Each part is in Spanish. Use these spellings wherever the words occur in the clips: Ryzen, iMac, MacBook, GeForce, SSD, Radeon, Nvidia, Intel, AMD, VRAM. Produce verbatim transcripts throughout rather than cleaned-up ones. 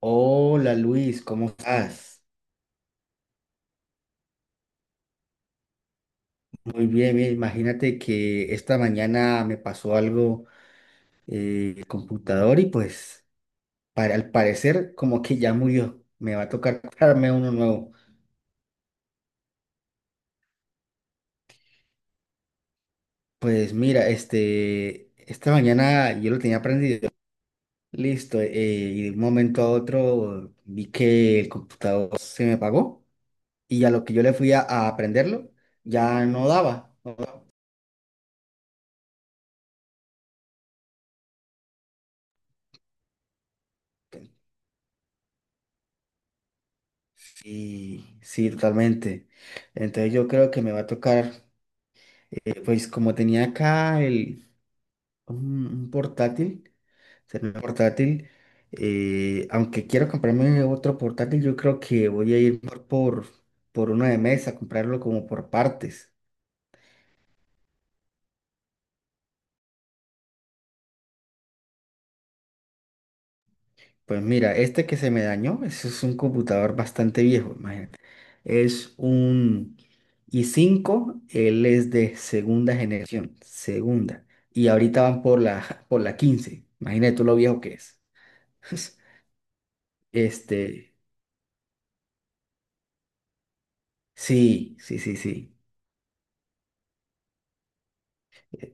Hola Luis, ¿cómo estás? Muy bien, mira, imagínate que esta mañana me pasó algo eh, en el computador y pues para, al parecer como que ya murió. Me va a tocar comprarme uno nuevo. Pues mira, este, esta mañana yo lo tenía prendido. Listo, eh, y de un momento a otro vi que el computador se me apagó y a lo que yo le fui a, a prenderlo ya no daba. Sí, sí, totalmente. Entonces yo creo que me va a tocar, eh, pues como tenía acá el, un, un portátil, o sea, un portátil, eh, aunque quiero comprarme otro portátil, yo creo que voy a ir por, por, por uno de mesa, comprarlo como por partes. Pues mira, este que se me dañó, ese es un computador bastante viejo, imagínate. Es un i cinco, él es de segunda generación, segunda. Y ahorita van por la, por la quince. Imagínate tú lo viejo que es. Este, sí, sí, sí, sí. Eh,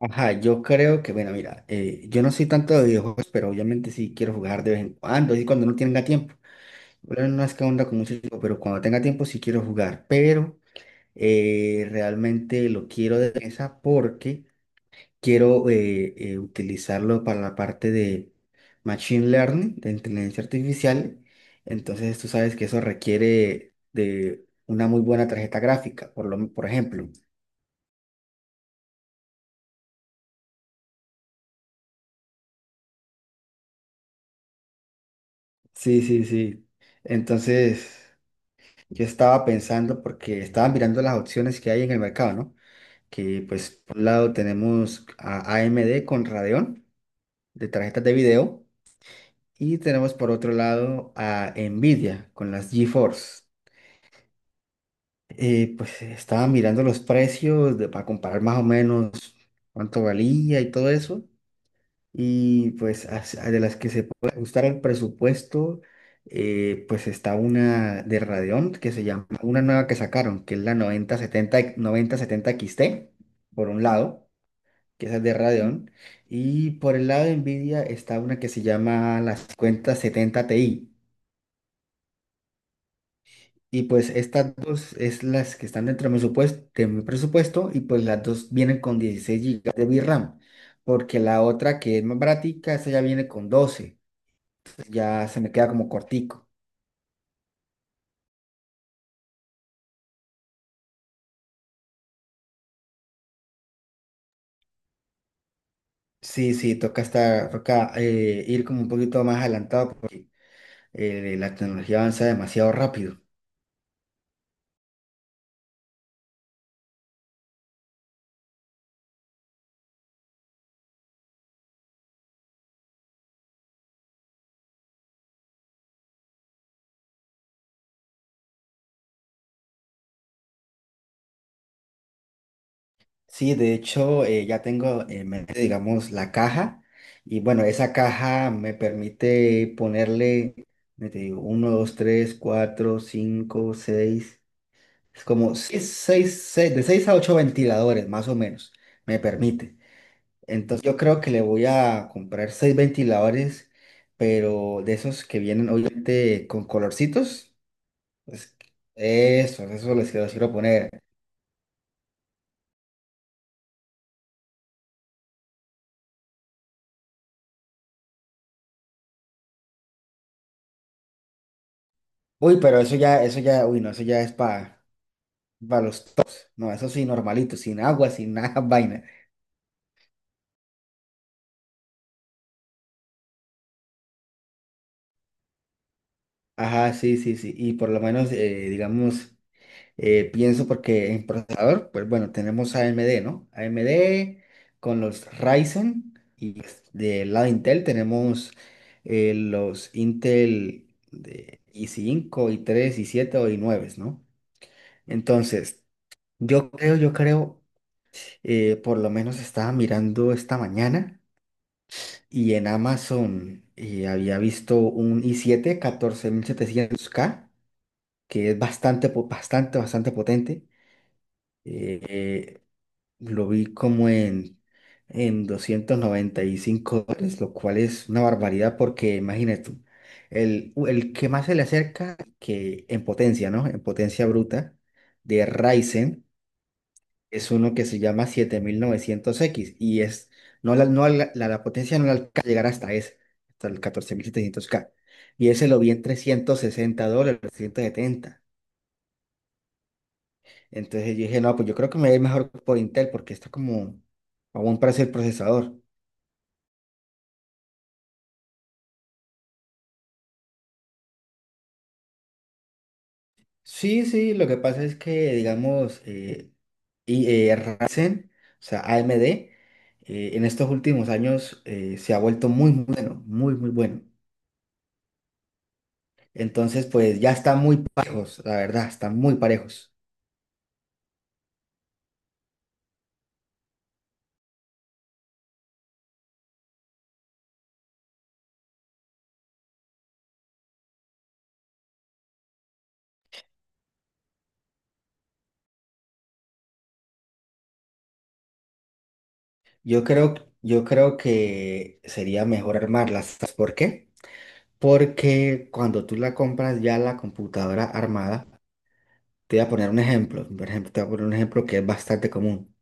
Ajá, yo creo que, bueno, mira, eh, yo no soy tanto de videojuegos, pero obviamente sí quiero jugar de vez en cuando, así cuando no tenga tiempo. Bueno, no es que onda con mucho tiempo, pero cuando tenga tiempo sí quiero jugar, pero eh, realmente lo quiero de mesa porque quiero eh, eh, utilizarlo para la parte de Machine Learning, de inteligencia artificial. Entonces tú sabes que eso requiere de una muy buena tarjeta gráfica, por lo, por ejemplo. Sí, sí, sí. Entonces yo estaba pensando porque estaba mirando las opciones que hay en el mercado, ¿no? Que pues por un lado tenemos a AMD con Radeon de tarjetas de video. Y tenemos por otro lado a Nvidia con las GeForce. Eh, pues estaba mirando los precios de- para comparar más o menos cuánto valía y todo eso. Y pues as- de las que se puede ajustar al presupuesto, eh, pues está una de Radeon que se llama, una nueva que sacaron, que es la noventa setenta, noventa setenta X T, por un lado, que esa es de Radeon. Y por el lado de Nvidia está una que se llama la cincuenta setenta Ti. Y pues estas dos es las que están dentro de mi supuesto- de mi presupuesto y pues las dos vienen con dieciséis gigas de v ram, porque la otra que es más baratica, esa ya viene con doce, entonces ya se me queda como cortico. Sí, sí, toca estar, toca eh, ir como un poquito más adelantado porque eh, la tecnología avanza demasiado rápido. Sí, de hecho, eh, ya tengo en mente, digamos, la caja. Y bueno, esa caja me permite ponerle, me te digo, uno, dos, tres, cuatro, cinco, seis. Es como seis- seis- seis- de seis a ocho ventiladores, más o menos, me permite. Entonces, yo creo que le voy a comprar seis ventiladores, pero de esos que vienen, obviamente, con colorcitos. Pues, eso, eso les quiero, les quiero poner. Uy, pero eso ya, eso ya, uy, no, eso ya es para. Va, los tops. No, eso sí, normalito, sin agua, sin nada, vaina. Ajá, sí, sí, sí. Y por lo menos, eh, digamos, eh, pienso porque en procesador, pues bueno, tenemos a AMD, ¿no? A M D con los Ryzen y pues, del lado Intel tenemos eh, los Intel de i cinco, i tres, i siete o i nueve, ¿no? Entonces, yo creo, yo creo, eh, por lo menos estaba mirando esta mañana. Y en Amazon eh, había visto un i siete catorce mil setecientos K, que es bastante, po- bastante, bastante potente. Eh, eh, lo vi como en, en doscientos noventa y cinco dólares, lo cual es una barbaridad porque imagínate tú, el, el que más se le acerca, que en potencia, ¿no? En potencia bruta de Ryzen es uno que se llama siete mil novecientos x y es, no la, no la, la, la potencia no la alcanza a llegar hasta ese, hasta el catorce mil setecientos k. Y ese lo vi en trescientos sesenta dólares, trescientos setenta. Entonces yo dije, no, pues yo creo que me va a ir mejor por Intel porque está como a buen precio el procesador. Sí, sí, lo que pasa es que, digamos, eh, y, eh, Ryzen, o sea, A M D, eh, en estos últimos años eh, se ha vuelto muy muy bueno, muy, muy bueno. Entonces, pues ya están muy parejos, la verdad, están muy parejos. Yo creo, yo creo que sería mejor armarlas. ¿Sabes por qué? Porque cuando tú la compras ya la computadora armada, te voy a poner un ejemplo. Por ejemplo, te voy a poner un ejemplo que es bastante común.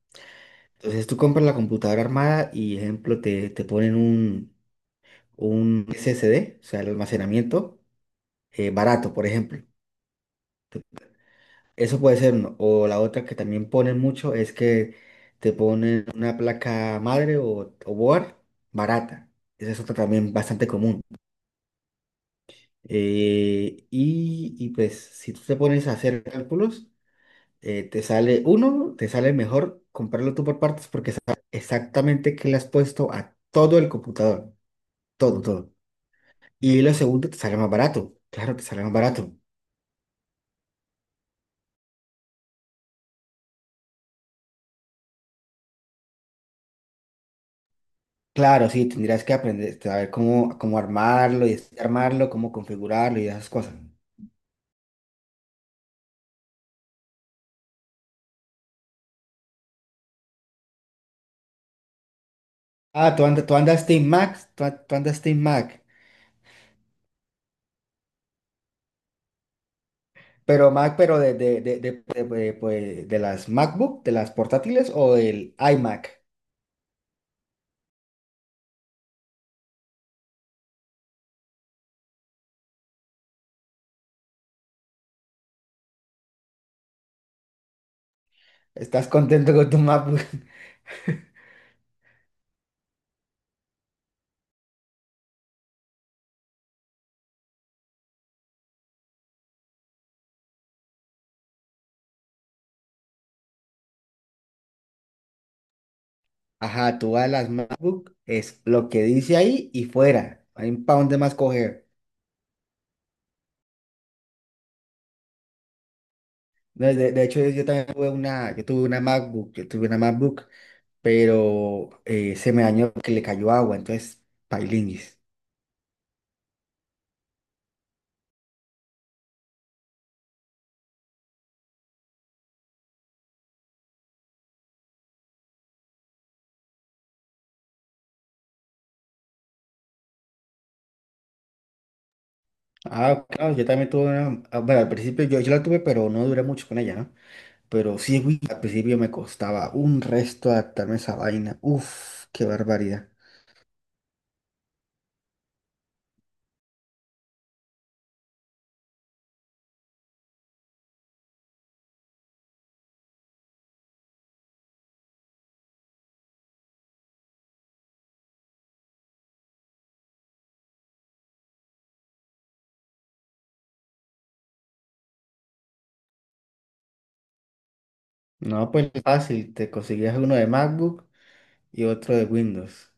Entonces tú compras la computadora armada y, ejemplo, te, te ponen un, un S S D, o sea, el almacenamiento eh, barato, por ejemplo. Te Eso puede ser, uno. O la otra que también ponen mucho es que te ponen una placa madre o, o board barata. Esa es otra también bastante común. Eh, y, y pues si tú te pones a hacer cálculos, eh, te sale uno, te sale mejor comprarlo tú por partes porque sabes exactamente qué le has puesto a todo el computador, todo, todo. Y lo segundo te sale más barato, claro, te sale más barato. Claro, sí, tendrías que aprender, saber cómo, cómo armarlo y armarlo, cómo configurarlo y esas cosas. Ah, tú andas, tú andas Team Mac, tú, an- tú andas Team Mac, pero Mac, pero de, de, de, de, de- de- pues, de las MacBook, de las portátiles o del iMac. ¿Estás contento con tu MacBook? Ajá, tú vas a las MacBook, es lo que dice ahí y fuera. Hay un pa' dónde más coger. De, de- de hecho, yo, yo también tuve una, yo tuve una MacBook, yo tuve una MacBook pero eh, se me dañó que le cayó agua, entonces pailinguis. Ah, claro, yo también tuve una, ah, bueno, al principio yo, yo la tuve, pero no duré mucho con ella, ¿no? Pero sí, güey, al principio me costaba un resto adaptarme a esa vaina. Uf, qué barbaridad. No, pues fácil, te conseguías uno de MacBook y otro de Windows.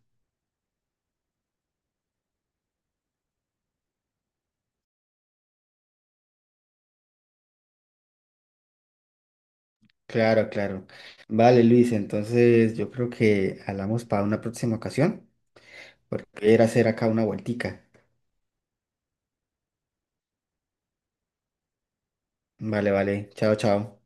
Claro, claro. Vale, Luis, entonces yo creo que hablamos para una próxima ocasión, porque era hacer acá una vueltica. Vale, vale. Chao, chao.